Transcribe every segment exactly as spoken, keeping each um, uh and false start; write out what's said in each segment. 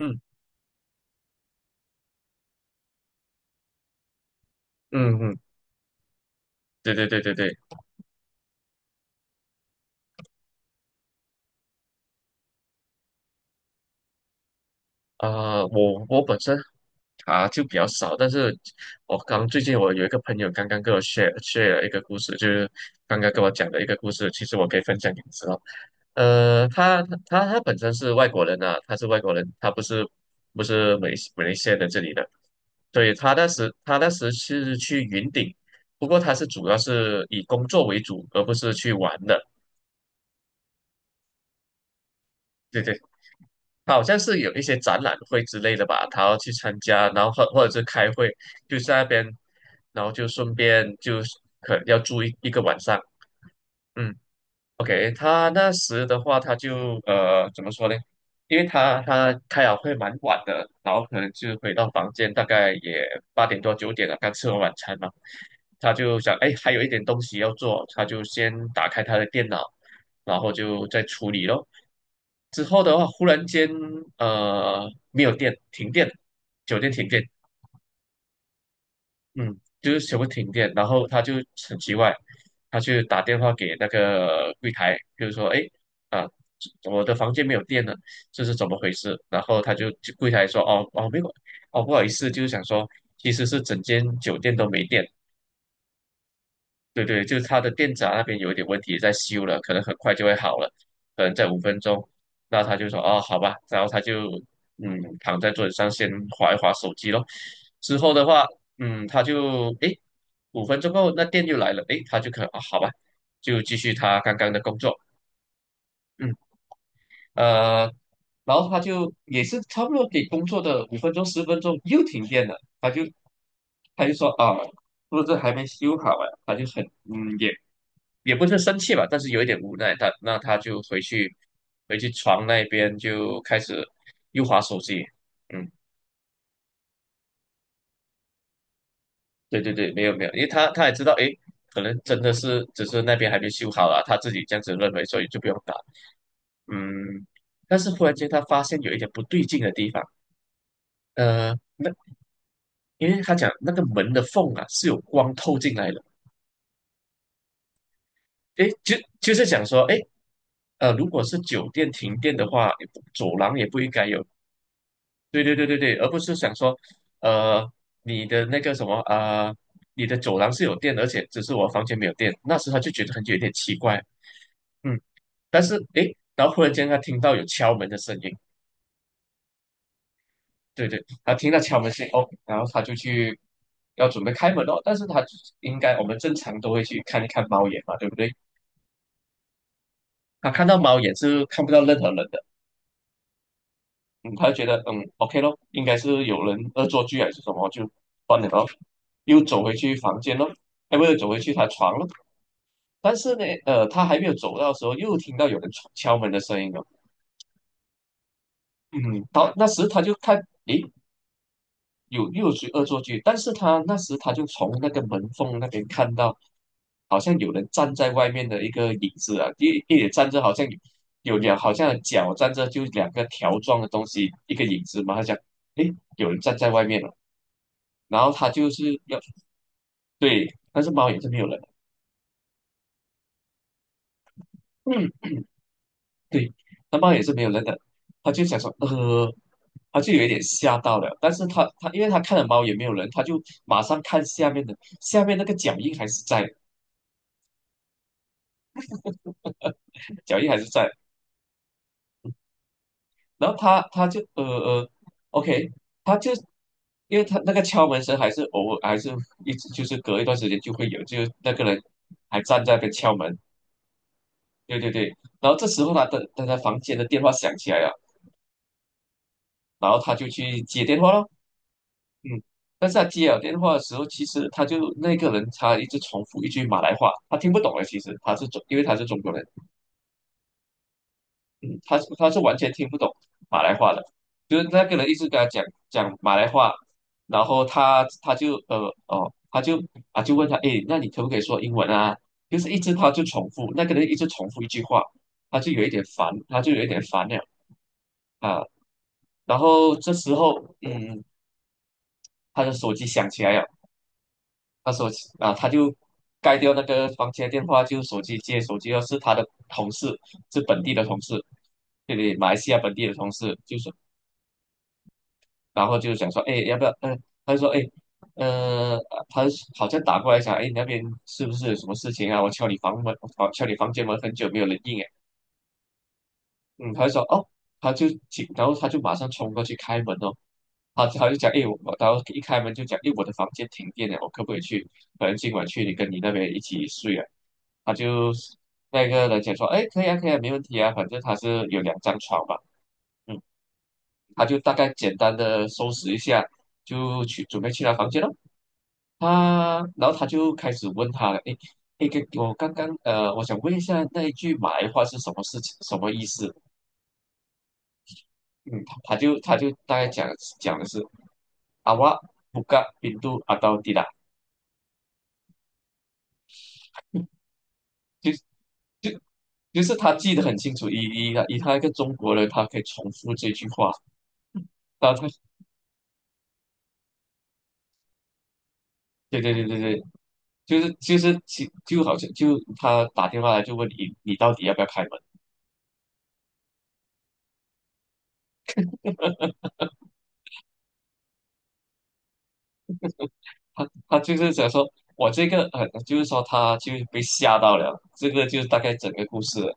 嗯嗯嗯，对对对对对，啊、我我本身啊就比较少，但是我刚最近我有一个朋友刚刚跟我 share share 了一个故事，就是刚刚跟我讲的一个故事，其实我可以分享给你知道。呃，他他他本身是外国人啊，他是外国人，他不是不是马来西马来西亚的这里的。对，他那时他那时是去云顶，不过他是主要是以工作为主，而不是去玩的。对对，好像是有一些展览会之类的吧，他要去参加，然后或或者是开会，就在那边，然后就顺便就是可能要住一一个晚上，嗯。OK，他那时的话，他就呃怎么说呢？因为他他开了会蛮晚的，然后可能就回到房间，大概也八点多九点了，刚吃完晚餐嘛。他就想，哎，还有一点东西要做，他就先打开他的电脑，然后就再处理咯。之后的话，忽然间呃没有电，停电，酒店停电，嗯，就是全部停电，然后他就很奇怪，他去打电话给那个柜台，就是说，哎，啊，我的房间没有电了，这是怎么回事？然后他就就柜台说，哦哦，没有，哦，不好意思，就是想说，其实是整间酒店都没电，对对，就是它的电闸那边有一点问题，在修了，可能很快就会好了，可能在五分钟。那他就说哦，好吧，然后他就嗯躺在桌子上先划一划手机咯。之后的话，嗯，他就诶五分钟后那电又来了，诶，他就可能啊、好吧，就继续他刚刚的工作，嗯，呃，然后他就也是差不多给工作的五分钟十分钟又停电了，他就他就说啊，是不是还没修好啊？他就很嗯也。也不是生气吧，但是有一点无奈。他那他就回去回去床那边就开始又划手机。嗯，对对对，没有没有，因为他他也知道，诶，可能真的是只是那边还没修好了，他自己这样子认为，所以就不用打。嗯，但是忽然间他发现有一点不对劲的地方。呃，那因为他讲那个门的缝啊是有光透进来的。诶，就就是讲说，诶，呃，如果是酒店停电的话，走廊也不应该有。对对对对对，而不是想说，呃，你的那个什么啊、呃你的走廊是有电，而且只是我房间没有电，那时他就觉得很有点奇怪。嗯，但是诶，然后忽然间他听到有敲门的声音，对对，他听到敲门声音。哦，然后他就去要准备开门哦，但是他应该我们正常都会去看一看猫眼嘛，对不对？他看到猫眼是看不到任何人的。嗯，他就觉得嗯，OK 咯，应该是有人恶作剧还是什么，就关了咯，又走回去房间咯。哎，不是，走回去他床咯。但是呢，呃，他还没有走到的时候，又听到有人敲敲门的声音了。嗯，好，那时他就看，诶，有又有谁恶作剧？但是他那时他就从那个门缝那边看到，好像有人站在外面的一个影子啊，一一也站着，好像有有两，好像脚站着就两个条状的东西，一个影子嘛。他讲，诶，有人站在外面了。然后他就是要。对，但是猫也是没有人的。嗯，对，那猫也是没有人的，他就想说，呃，他就有一点吓到了，但是他他因为他看了猫也没有人，他就马上看下面的，下面那个脚印还是在，脚印还是在。然后他他就呃呃，OK，他就。因为他那个敲门声还是偶尔，还是一直就是隔一段时间就会有，就是那个人还站在那边敲门。对对对，然后这时候他的他的房间的电话响起来了，然后他就去接电话了。嗯，但是他接了电话的时候，其实他就那个人他一直重复一句马来话，他听不懂的。其实他是中，因为他是中国人，嗯，他是他是完全听不懂马来话的，就是那个人一直跟他讲讲马来话。然后他他就呃哦，他就呃啊就问他，诶，那你可不可以说英文啊？就是一直他就重复，那个人一直重复一句话，他就有一点烦，他就有一点烦了啊。然后这时候，嗯，他的手机响起来了。他说：“啊，他就盖掉那个房间电话，就手机接手机，要是他的同事，是本地的同事，这里马来西亚本地的同事，就是然后就想说，哎，要不要？嗯、他就说，哎，呃，他好像打过来想，哎，你那边是不是有什么事情啊？我敲你房门，我敲你房间门很久没有人应。嗯，他就说哦，他就进，然后他就马上冲过去开门哦，他他就讲，哎，我，然后一开门就讲，哎，我的房间停电了，我可不可以去？可能今晚去你跟你那边一起睡啊？他就那个人讲说，哎，可以啊，可以啊，没问题啊，反正他是有两张床嘛。嗯，他就大概简单的收拾一下，就去准备去他房间了。他，然后他就开始问他了，哎，哎，给我刚刚呃，我想问一下那一句埋话是什么事情，什么意思？嗯，他就他就大概讲讲的是阿瓦布嘎宾度阿道地啦，就就就是他记得很清楚，以以他以他一个中国人，他可以重复这句话。然后他。对对对对对，就是就是其就好像就他打电话来就问你你到底要不要开门。他他就是想说我这个呃就是说他就是被吓到了，这个就是大概整个故事了。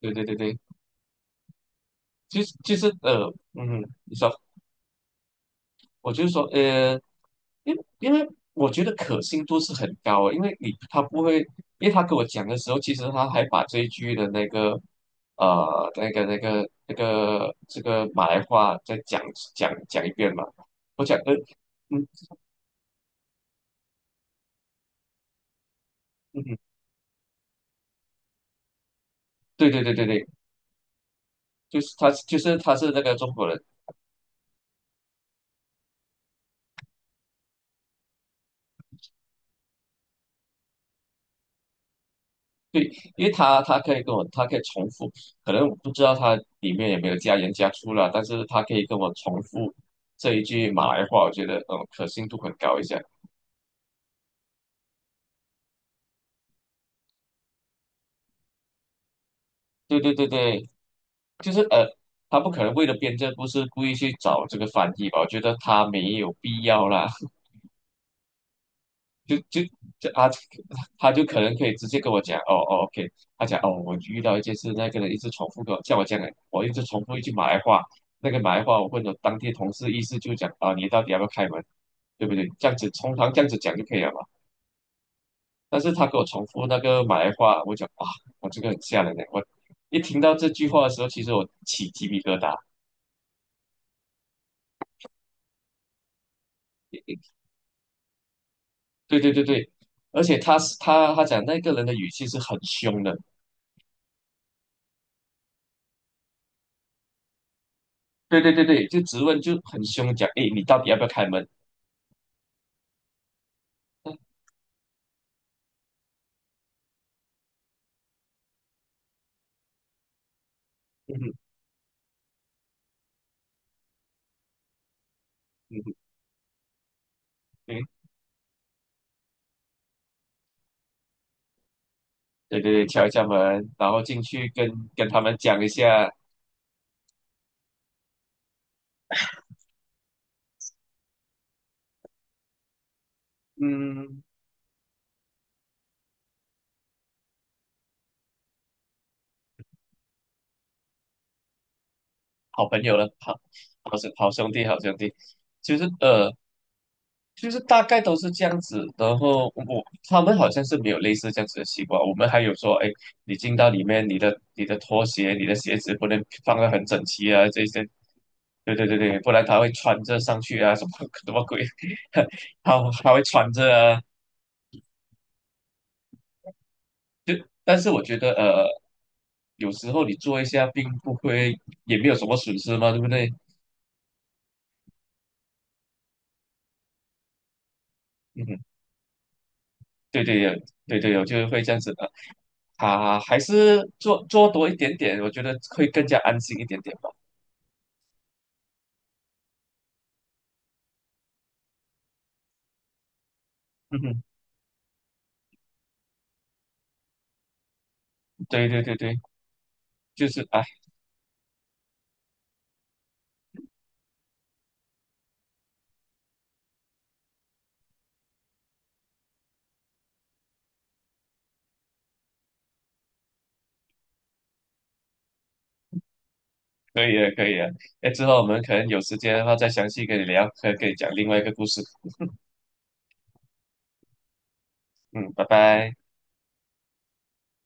对对对对，就是就是呃嗯，你说。我就是说呃。因为因为我觉得可信度是很高的，因为你他不会，因为他跟我讲的时候，其实他还把这一句的那个呃那个那个那个这个马来话再讲讲讲一遍嘛。我讲呃嗯嗯嗯，对对对对对，就是他就是他是那个中国人。对，因为他他可以跟我他可以重复，可能我不知道他里面有没有加盐加醋啦，但是他可以跟我重复这一句马来话，我觉得嗯可信度很高一下。对对对对，就是呃，他不可能为了编这不是故意去找这个翻译吧？我觉得他没有必要啦。就就就啊，他就可能可以直接跟我讲，哦哦，OK，他讲哦，我遇到一件事，那个人一直重复跟我像我这样的，我一直重复一句马来话，那个马来话我问了当地同事，意思就讲啊，你到底要不要开门，对不对？这样子通常这样子讲就可以了嘛。但是他给我重复那个马来话，我讲哇，我这个很吓人的，我一听到这句话的时候，其实我起鸡皮疙瘩。对对对对，而且他是他他讲那个人的语气是很凶的。对对对对，就质问就很凶，讲诶，你到底要不要开门？嗯，嗯哼，嗯哼，嗯，对对对，敲一下门，然后进去跟跟他们讲一下。嗯，好朋友了，好，好兄好兄弟好兄弟。就是呃就是大概都是这样子，然后我他们好像是没有类似这样子的习惯。我们还有说，哎，你进到里面，你的你的拖鞋、你的鞋子不能放得很整齐啊，这些对对对对，不然他会穿着上去啊，什么 什么鬼？他他会穿着啊。就但是我觉得呃，有时候你做一下，并不会也没有什么损失嘛，对不对？嗯，对对对对对，我就是会这样子的啊，还是做做多一点点，我觉得会更加安心一点点吧。嗯哼，对对对对，就是啊，可以了可以了，哎，之后我们可能有时间的话再详细跟你聊，可以跟你讲另外一个故事。嗯，拜拜。